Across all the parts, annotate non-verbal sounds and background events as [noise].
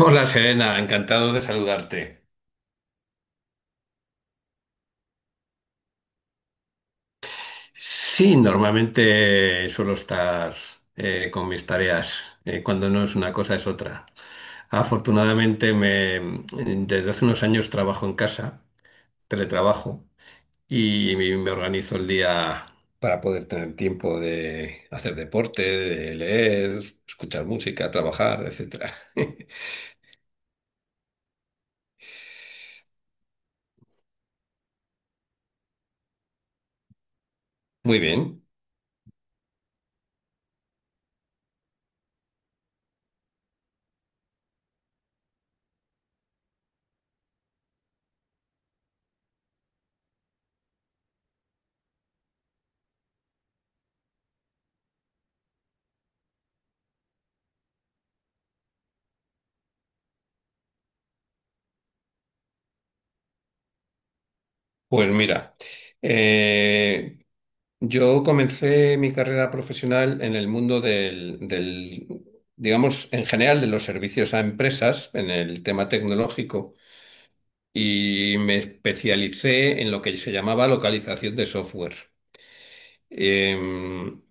Hola Serena, encantado de saludarte. Sí, normalmente suelo estar con mis tareas. Cuando no es una cosa es otra. Afortunadamente desde hace unos años trabajo en casa, teletrabajo, y me organizo el día para poder tener tiempo de hacer deporte, de leer, escuchar música, trabajar, etcétera. [laughs] Muy bien, pues mira, eh, yo comencé mi carrera profesional en el mundo digamos, en general de los servicios a empresas, en el tema tecnológico, y me especialicé en lo que se llamaba localización de software. Em,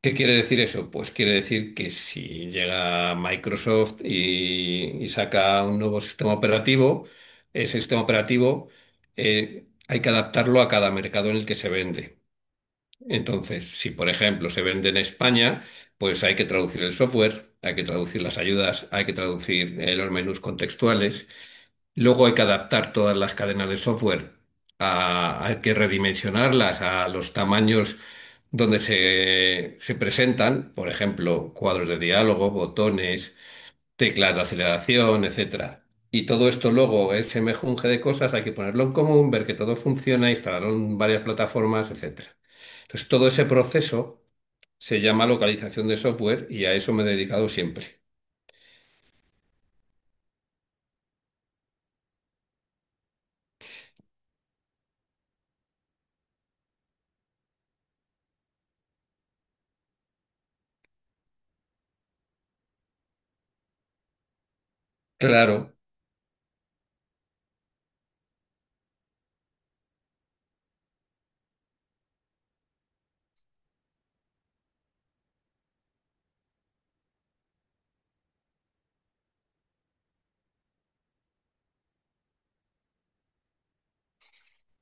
¿Qué quiere decir eso? Pues quiere decir que si llega Microsoft y saca un nuevo sistema operativo, ese sistema operativo hay que adaptarlo a cada mercado en el que se vende. Entonces, si por ejemplo se vende en España, pues hay que traducir el software, hay que traducir las ayudas, hay que traducir los menús contextuales. Luego hay que adaptar todas las cadenas de software, hay que redimensionarlas a los tamaños donde se presentan, por ejemplo, cuadros de diálogo, botones, teclas de aceleración, etcétera. Y todo esto luego, ese mejunje de cosas, hay que ponerlo en común, ver que todo funciona, instalarlo en varias plataformas, etcétera. Entonces, todo ese proceso se llama localización de software y a eso me he dedicado siempre. Claro.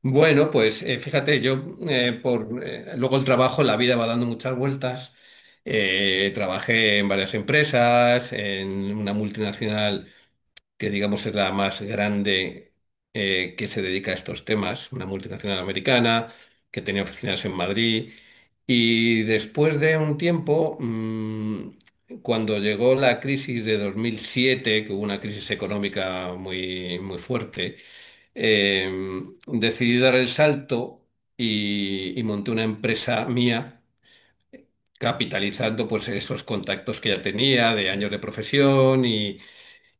Bueno, pues fíjate, yo por luego el trabajo, la vida va dando muchas vueltas. Trabajé en varias empresas, en una multinacional que digamos es la más grande, que se dedica a estos temas, una multinacional americana que tenía oficinas en Madrid. Y después de un tiempo, cuando llegó la crisis de 2007, que hubo una crisis económica muy, muy fuerte, eh, decidí dar el salto y monté una empresa mía, capitalizando pues esos contactos que ya tenía de años de profesión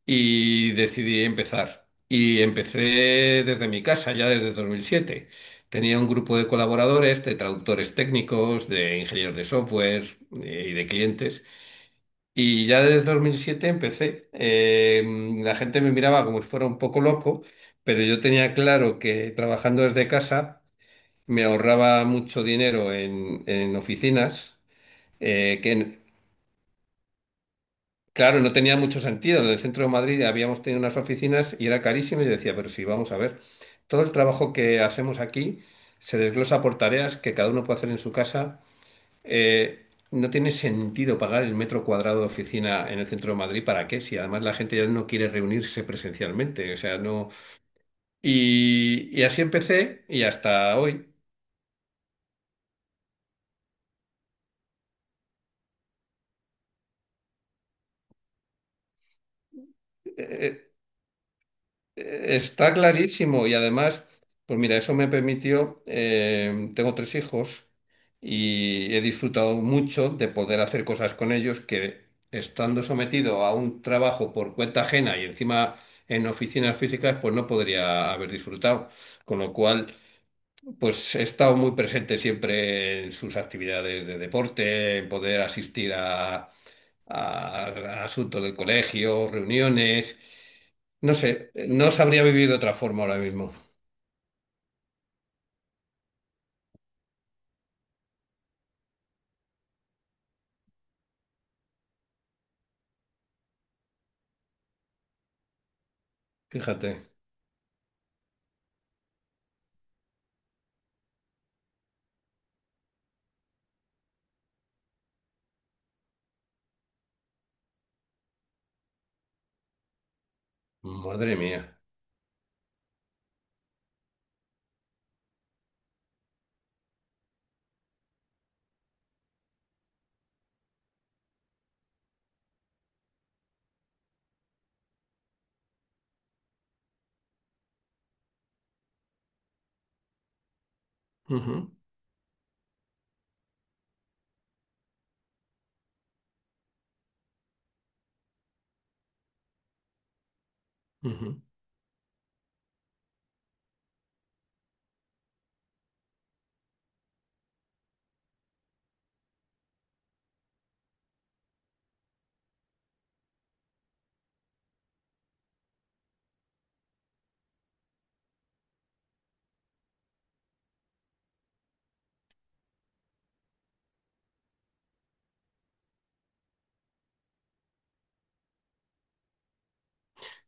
y decidí empezar. Y empecé desde mi casa, ya desde 2007. Tenía un grupo de colaboradores, de traductores técnicos, de ingenieros de software, y de clientes. Y ya desde 2007 empecé. La gente me miraba como si fuera un poco loco, pero yo tenía claro que trabajando desde casa me ahorraba mucho dinero en oficinas, que claro, no tenía mucho sentido. En el centro de Madrid habíamos tenido unas oficinas y era carísimo y yo decía, pero sí, vamos a ver, todo el trabajo que hacemos aquí se desglosa por tareas que cada uno puede hacer en su casa. Eh, no tiene sentido pagar el metro cuadrado de oficina en el centro de Madrid, ¿para qué? Si además la gente ya no quiere reunirse presencialmente, o sea, no... Y, y así empecé y hasta hoy. Eh, eh, Está clarísimo y además, pues mira, eso me permitió, tengo tres hijos y he disfrutado mucho de poder hacer cosas con ellos que estando sometido a un trabajo por cuenta ajena y encima en oficinas físicas, pues no podría haber disfrutado. Con lo cual... pues he estado muy presente siempre en sus actividades de deporte, en poder asistir a, asuntos del colegio, reuniones. No sé, no sabría vivir de otra forma ahora mismo. Fíjate, madre mía. Ujú, ujú.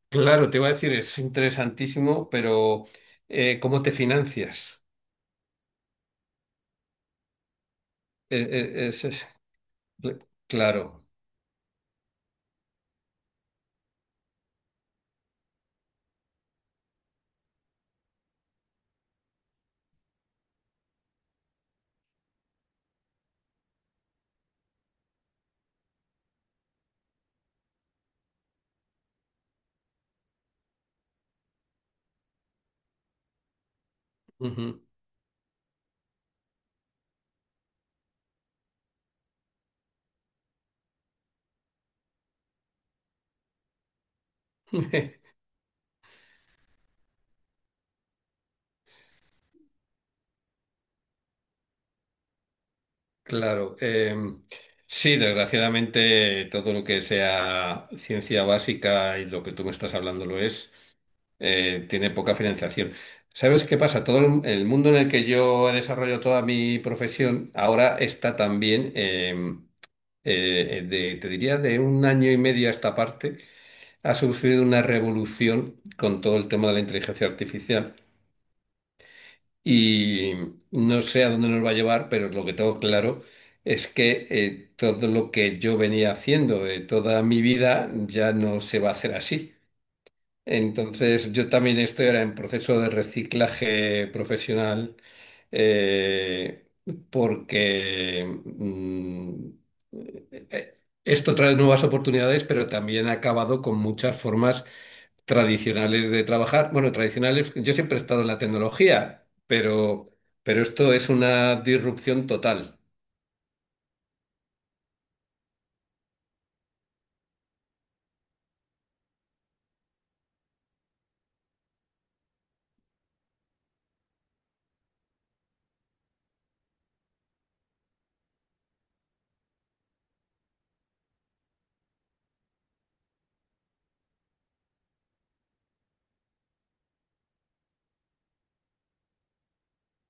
Claro, te iba a decir, es interesantísimo, pero ¿cómo te financias? Eh, eh, es- es- cl- claro. Ujú. [laughs] Claro, sí, desgraciadamente todo lo que sea ciencia básica y lo que tú me estás hablando lo es, tiene poca financiación. ¿Sabes qué pasa? Todo el mundo en el que yo he desarrollado toda mi profesión ahora está también, te diría, de 1 año y medio a esta parte, ha sucedido una revolución con todo el tema de la inteligencia artificial. Y no sé a dónde nos va a llevar, pero lo que tengo claro es que todo lo que yo venía haciendo de toda mi vida ya no se va a hacer así. Entonces, yo también estoy ahora en proceso de reciclaje profesional, eh, porque mm, eh, esto trae nuevas oportunidades, pero también ha acabado con muchas formas tradicionales de trabajar. Bueno, tradicionales, yo siempre he estado en la tecnología, pero esto es una disrupción total.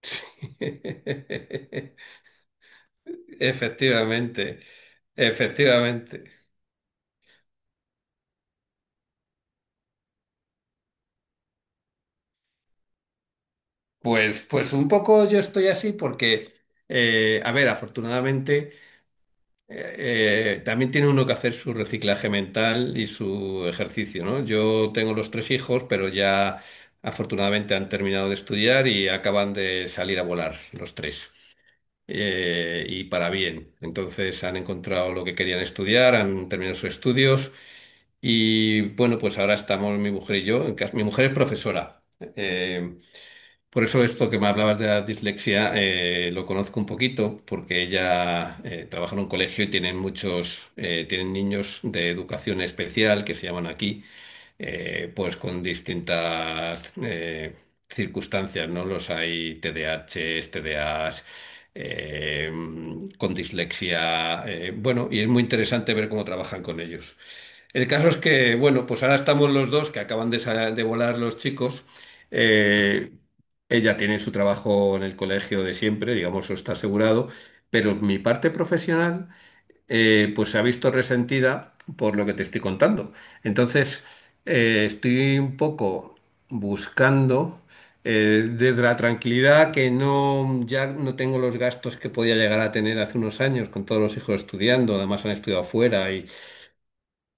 [laughs] Efectivamente, efectivamente. Pues, pues un poco yo estoy así porque, a ver, afortunadamente también tiene uno que hacer su reciclaje mental y su ejercicio, ¿no? Yo tengo los 3 hijos, pero ya afortunadamente han terminado de estudiar y acaban de salir a volar los 3. Y para bien. Entonces han encontrado lo que querían estudiar, han terminado sus estudios. Y bueno, pues ahora estamos mi mujer y yo en casa. Mi mujer es profesora. Eh, por eso esto que me hablabas de la dislexia, lo conozco un poquito, porque ella trabaja en un colegio y tienen muchos, tienen niños de educación especial, que se llaman aquí, pues con distintas circunstancias, ¿no? Los hay TDAHs, TDAs, eh, con dislexia, bueno, y es muy interesante ver cómo trabajan con ellos. El caso es que, bueno, pues ahora estamos los dos, que acaban de, de volar los chicos. eh, Ella tiene su trabajo en el colegio de siempre, digamos, eso está asegurado, pero mi parte profesional, pues se ha visto resentida por lo que te estoy contando. Entonces, estoy un poco buscando, desde la tranquilidad, que no, ya no tengo los gastos que podía llegar a tener hace unos años con todos los hijos estudiando, además han estudiado fuera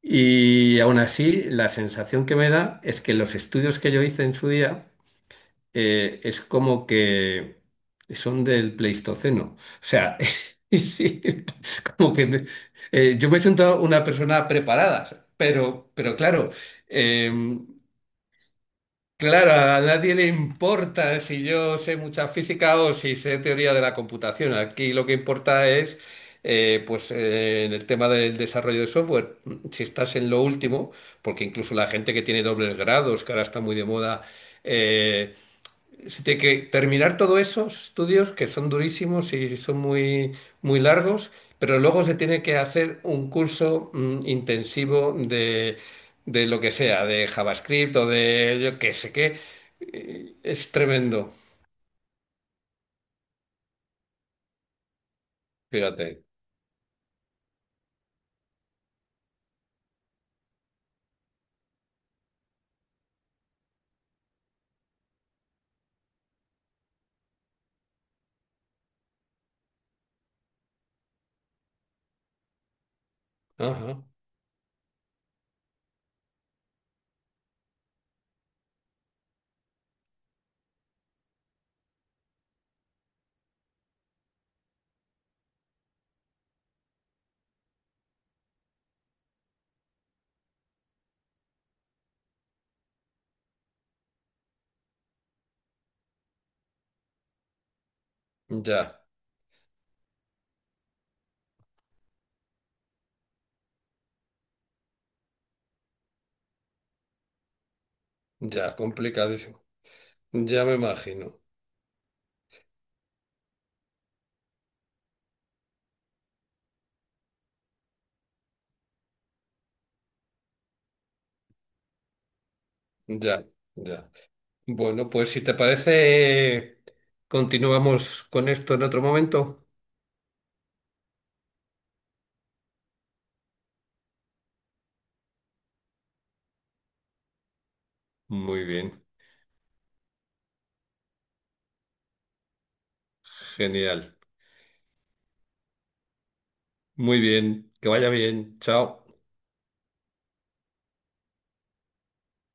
y aún así la sensación que me da es que los estudios que yo hice en su día, es como que son del Pleistoceno. O sea, [laughs] sí, como que yo me he sentado una persona preparada, pero claro, eh, claro, a nadie le importa si yo sé mucha física o si sé teoría de la computación. Aquí lo que importa es, en el tema del desarrollo de software, si estás en lo último, porque incluso la gente que tiene dobles grados, que ahora está muy de moda, eh, se tiene que terminar todos esos estudios que son durísimos y son muy, muy largos, pero luego se tiene que hacer un curso intensivo de lo que sea, de JavaScript o de yo qué sé qué. Es tremendo, fíjate. Ajá. Ya, ya, complicadísimo. Ya me imagino. Ya, ya. Bueno, pues si te parece, continuamos con esto en otro momento. Muy bien, genial. Muy bien, que vaya bien. Chao.